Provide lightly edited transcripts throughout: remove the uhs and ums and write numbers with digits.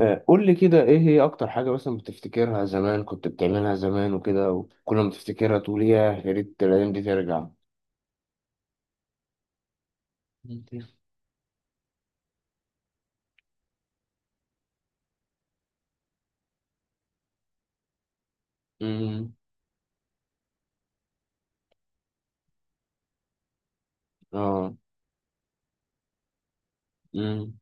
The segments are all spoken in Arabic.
قول لي كده، ايه هي اكتر حاجة مثلا بتفتكرها؟ زمان كنت بتعملها زمان وكده، وكل ما تفتكرها تقول ياه، يا ريت الايام دي ترجع. مم. امم. اه. مم.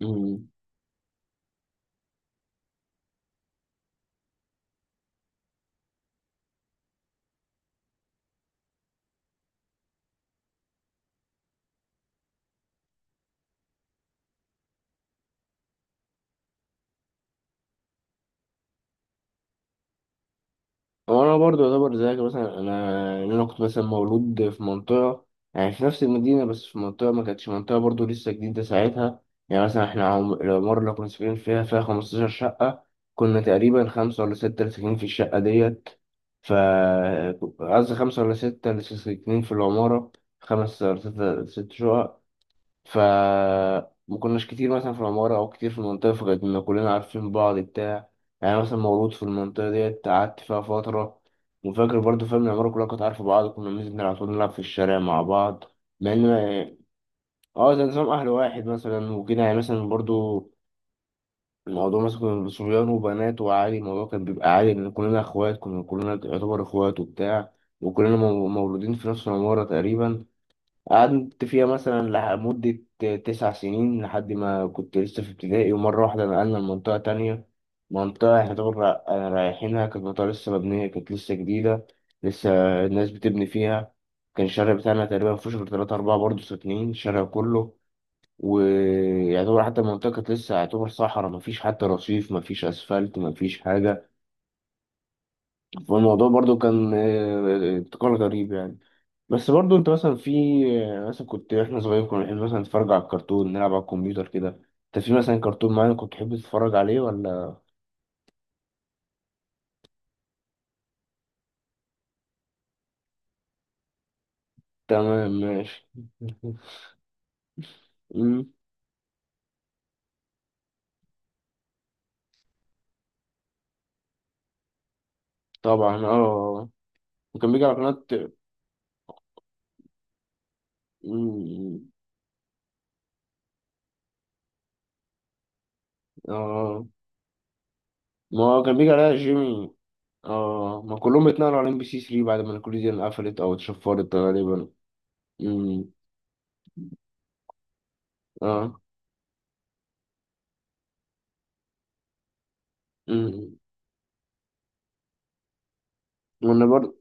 مم. هو انا برضه يعتبر زيك، مثلا انا كنت مثلا مولود في منطقه، يعني في نفس المدينه، بس في منطقه ما كانتش منطقه برضه، لسه جديده ساعتها. يعني مثلا احنا العماره اللي كنا ساكنين فيها 15 شقه. كنا تقريبا خمسه ولا سته اللي ساكنين في الشقه ديت. ف قصدي خمسه ولا سته اللي ساكنين في العماره، خمس ولا ست ست شقق. ف ما كناش كتير مثلا في العمارة أو كتير في المنطقة، فكانت إن كلنا عارفين بعض بتاع يعني أنا مثلا مولود في المنطقة ديت، قعدت فيها فترة وفاكر برضه، فاهم، العمارة كلها كانت عارفة بعض، كنا بننزل على طول نلعب في الشارع مع بعض. مع إن اه، زي نظام أهل واحد مثلا وكده، يعني مثلا برضه الموضوع، مثلا كنا صبيان وبنات وعادي، الموضوع كان بيبقى عادي، لأن كلنا إخوات، كنا كلنا يعتبر إخوات وبتاع، وكلنا مولودين في نفس العمارة تقريبا. قعدت فيها مثلا مدة 9 سنين لحد ما كنت لسه في ابتدائي، ومرة واحدة نقلنا لمنطقة تانية، منطقة احنا طبعا رايحينها، كانت منطقة لسه مبنية، كانت لسه جديدة، لسه الناس بتبني فيها. كان الشارع بتاعنا تقريبا مفيهوش غير 3 4 برضه ساكنين الشارع كله، ويعتبر حتى المنطقة كانت لسه يعتبر صحراء، مفيش حتى رصيف، مفيش أسفلت، مفيش حاجة. والموضوع برضو كان ابتكار غريب يعني. بس برضو انت مثلا في آه، مثلا كنت، احنا صغيرين كنا بنحب مثلا نتفرج على الكرتون، نلعب على الكمبيوتر كده. انت في مثلا كرتون معين كنت تحب تتفرج عليه ولا؟ تمام ماشي. مم. طبعا اه. وكان بيجي على قناة؟ مم. اه. ما هو كان بيجي عليها جيمي. اه، ما كلهم اتنقلوا على ام بي سي 3 بعد ما الكوليزيون قفلت او اتشفرت غالبا. مم. اه. مم. وانا برضو.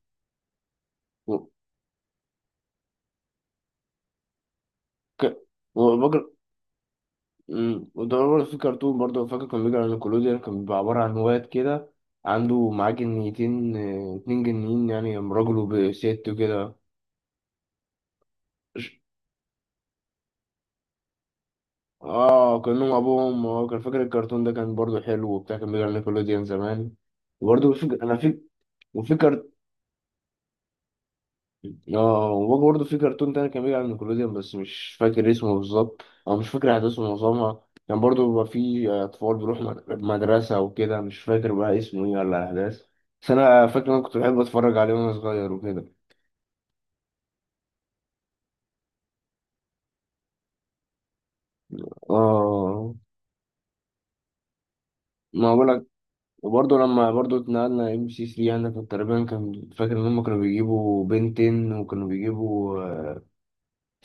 امم. وده برضه في كرتون برضه فاكر، كان بيجي على نيكولوديان، كان بيبقى عبارة عن واد كده عنده معاه جنيتين، 2 جنيين، يعني راجل وست وكده. ش- اه، كأنهم أبوهم، اه كان فاكر الكرتون ده، كان برضه حلو وبتاع، كان بيجي على نيكولوديان زمان. وبرضه في، أنا في، وفي، اه وباجي برضه في كرتون تاني كان بيجي على نيكولوديان، بس مش فاكر اسمه بالظبط، او مش فاكر احداثه، معظمها كان برضه بيبقى فيه اطفال بيروحوا مدرسة وكده، مش فاكر بقى اسمه ايه ولا الاحداث، بس انا فاكر إن انا كنت بحب اتفرج عليه وانا صغير وكده. اه. ما بقولك، وبرضه لما برضه اتنقلنا ام بي سي 3، انا كنت تقريبا، كان فاكر ان هم كانوا بيجيبوا بنتين وكانوا بيجيبوا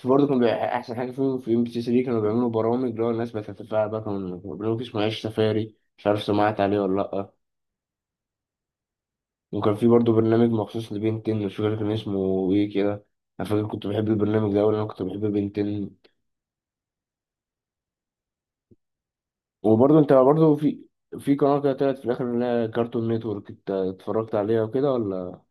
برضه، كان بيبقى أحسن حاجة فيهم في ام بي سي 3 كانوا بيعملوا برامج اللي هو الناس بتتفاعل، بقى كانوا برنامج اسمه عيش سفاري، مش عارف سمعت عليه ولا لأ. وكان في برضه برنامج مخصوص لبنتين، مش فاكر كان اسمه إيه كده. أنا فاكر كنت بحب البرنامج ده، وأنا كنت بحب بنتين. وبرضه أنت برضه في، في قناة كده طلعت في الآخر اللي هي كارتون نتورك، أنت اتفرجت عليها وكده ولا؟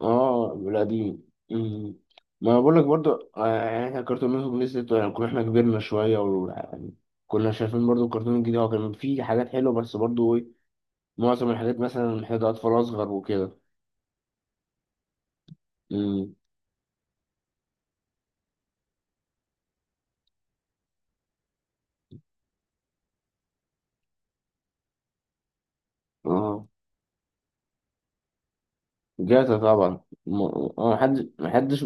اه القديم. مم. ما أنا بقول لك برضو، يعني احنا الكرتون نتورك لسه يعني، كنا احنا كبرنا شويه و يعني كنا شايفين برضو الكرتون الجديد، هو كان فيه حاجات حلوه، بس برضو ايه، معظم الحاجات مثلا محتاجه اطفال اصغر وكده. مم. اه، جاتا طبعا اه، محدش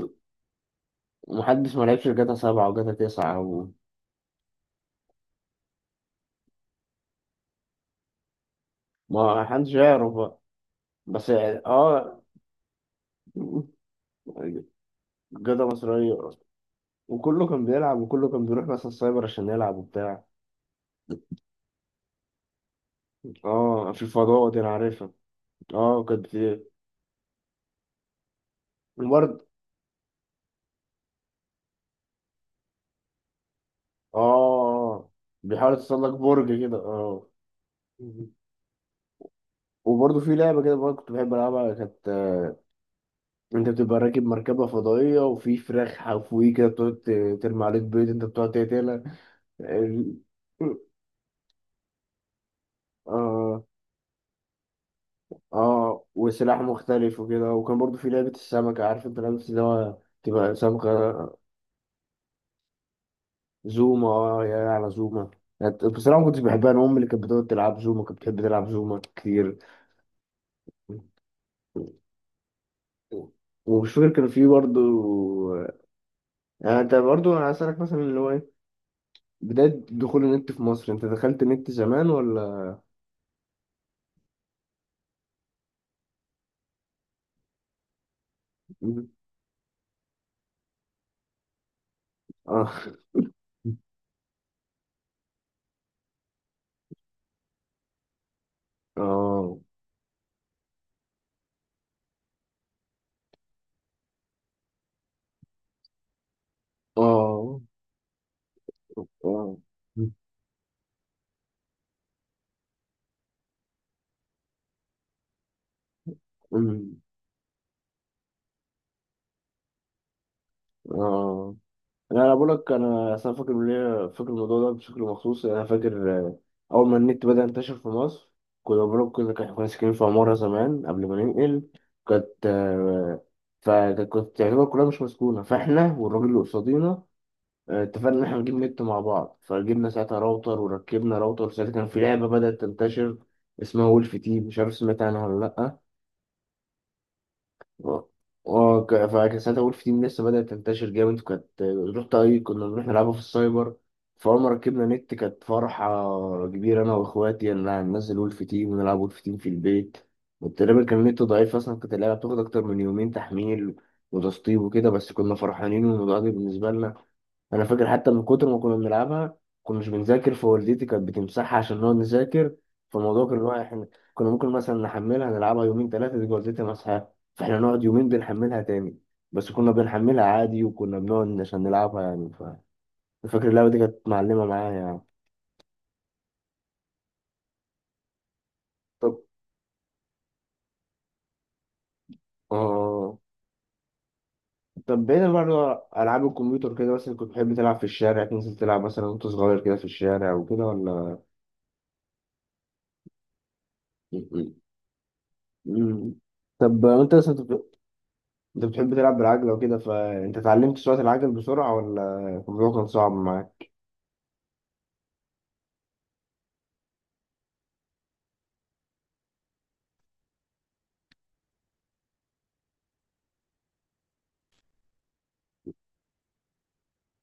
محدش ما لعبش جاتا 7 وجاتا 9 و... ما حدش يعرف بقى. بس اه، جاتا مصرية، وكله كان بيلعب، وكله كان بيروح مثلا السايبر عشان يلعب وبتاع. اه، في الفضاء دي انا عارفها. اه، كانت الورد. اه بيحاول يتسلق برج كده اه. مم. وبرضه في لعبة كده برضه كنت بحب ألعبها، كانت أنت بتبقى راكب مركبة فضائية وفي فراخ حفويه كده بتقعد ترمي عليك بيض، أنت بتقعد تقتلها. ال- آه وسلاح مختلف وكده، وكان برضه في لعبة السمكة، عارف أنت لعبة اللي هو تبقى سمكة؟ زوما. اه، يا على زوما. يعني بصراحة ما كنتش بحبها، أنا أمي اللي كانت بتقعد تلعب زوما، كانت بتحب تلعب زوما كتير. ومش فاكر كان في برضه، يعني أنت برضه، أنا هسألك مثلا اللي هو إيه بداية دخول النت في مصر؟ أنت دخلت نت زمان ولا؟ آه. آه. آه. آه. أمم. آه. لا، انا بقول لك، انا أصل أنا فاكر ليه فاكر الموضوع ده بشكل مخصوص، يعني انا فاكر، اول ما النت بدأ ينتشر في مصر، كنا بقول، كنا ساكنين في عمارة زمان قبل ما ننقل، كانت آه، فكانت تعتبر كلها مش مسكونة، فاحنا والراجل اللي قصادينا اتفقنا ان احنا نجيب نت مع بعض، فجبنا ساعتها راوتر وركبنا راوتر. ساعتها كان في لعبة بدأت تنتشر اسمها وولف تيم، مش عارف سمعت عنها ولا لأ. اه. اه فكان ساعتها وولف تيم لسه بدأت تنتشر جامد، وكانت رحت اي كنا بنروح نلعبها في السايبر. فأول ما ركبنا نت كانت فرحة كبيرة، أنا وإخواتي، إن أنا هننزل وولف تيم ونلعب وولف تيم في البيت. وتقريبا كان النت ضعيف أصلا، كانت اللعبة بتاخد أكتر من يومين تحميل وتسطيب وكده، بس كنا فرحانين والموضوع ده بالنسبة لنا. انا فاكر حتى من كتر ما كنا بنلعبها كنا مش بنذاكر، فوالدتي كانت بتمسحها عشان نقعد نذاكر. فالموضوع كان هو احنا كنا ممكن مثلا نحملها نلعبها يومين 3، تيجي والدتي مسحها، فاحنا نقعد يومين بنحملها تاني. بس كنا بنحملها عادي وكنا بنقعد عشان نلعبها يعني. فاكر اللعبه دي كانت معلمه معايا يعني. طب اه طب بعيدا برضه عن العاب الكمبيوتر كده، مثلا كنت بتحب تلعب في الشارع، تنزل تلعب مثلا وانت صغير كده في الشارع وكده ولا؟ م- م- م- طب انت مثلا، انت بتحب تلعب بالعجلة وكده، فانت اتعلمت سواقة العجل بسرعة ولا الموضوع كان صعب معاك؟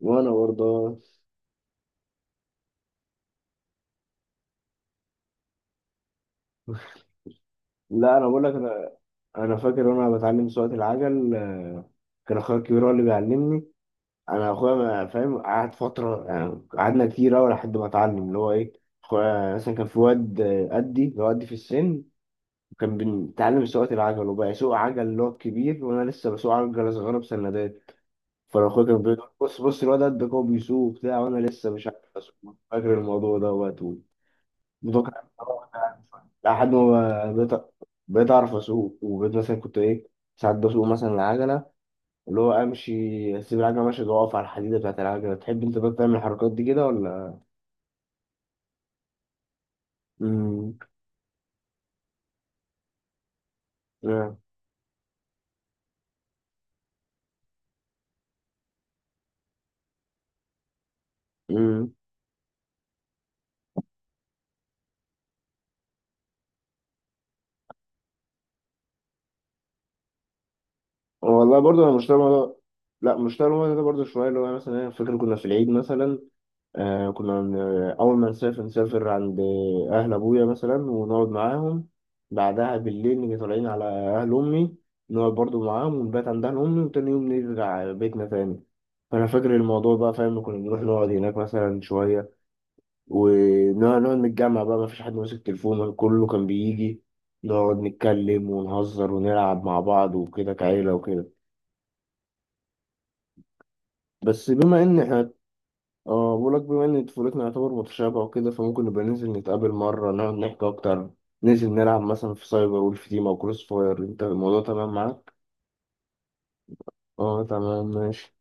وانا برضه. لا، انا بقول لك، انا فاكر وانا بتعلم سواقة العجل، كان اخويا الكبير هو اللي بيعلمني. انا اخويا فاهم، قعد فترة، يعني قعدنا كتير اوي لحد ما اتعلم اللي هو ايه. اخويا مثلا كان في واد قدي، اللي هو قدي في السن، كان بيتعلم سواقة العجل وبقى يسوق عجل اللي هو الكبير، وانا لسه بسوق عجلة صغيرة بسندات. فالاخويا كان بيقول بص بص، الواد قدك هو بيسوق وبتاع، وانا لسه مش عارف اسوق. فاكر الموضوع دوت ومتوقع، لحد ما بقيت اعرف اسوق، وبقيت مثلا كنت ايه، ساعات بسوق مثلا العجله اللي هو امشي، اسيب العجله ماشيه واقف على الحديده بتاعت العجله. تحب انت بقى تعمل الحركات دي كده ولا؟ امم. امم. والله برضه، انا مش طالع الموضوع- لا، مش طالع الموضوع ده برضه شويه، اللي هو مثلا أنا فاكر كنا في العيد مثلا، آه كنا من أول ما نسافر، نسافر عند أهل أبويا مثلا ونقعد معاهم، بعدها بالليل نيجي طالعين على أهل أمي، نقعد برضو معاهم ونبات عند أهل أمي، وتاني يوم نرجع بيتنا تاني. فأنا فاكر الموضوع بقى، فاهم، كنا بنروح نقعد هناك مثلا شوية، ونقعد نتجمع بقى، مفيش حد ماسك تليفونه، كله كان بيجي نقعد نتكلم ونهزر ونلعب مع بعض وكده كعيلة وكده. بس بما إن إحنا اه، بقولك بما ان طفولتنا يعتبر متشابهة وكده، فممكن نبقى ننزل نتقابل مرة نقعد نحكي اكتر، ننزل نلعب مثلا في سايبر وولف تيم او كروس فاير، انت الموضوع تمام معاك؟ اه تمام ماشي.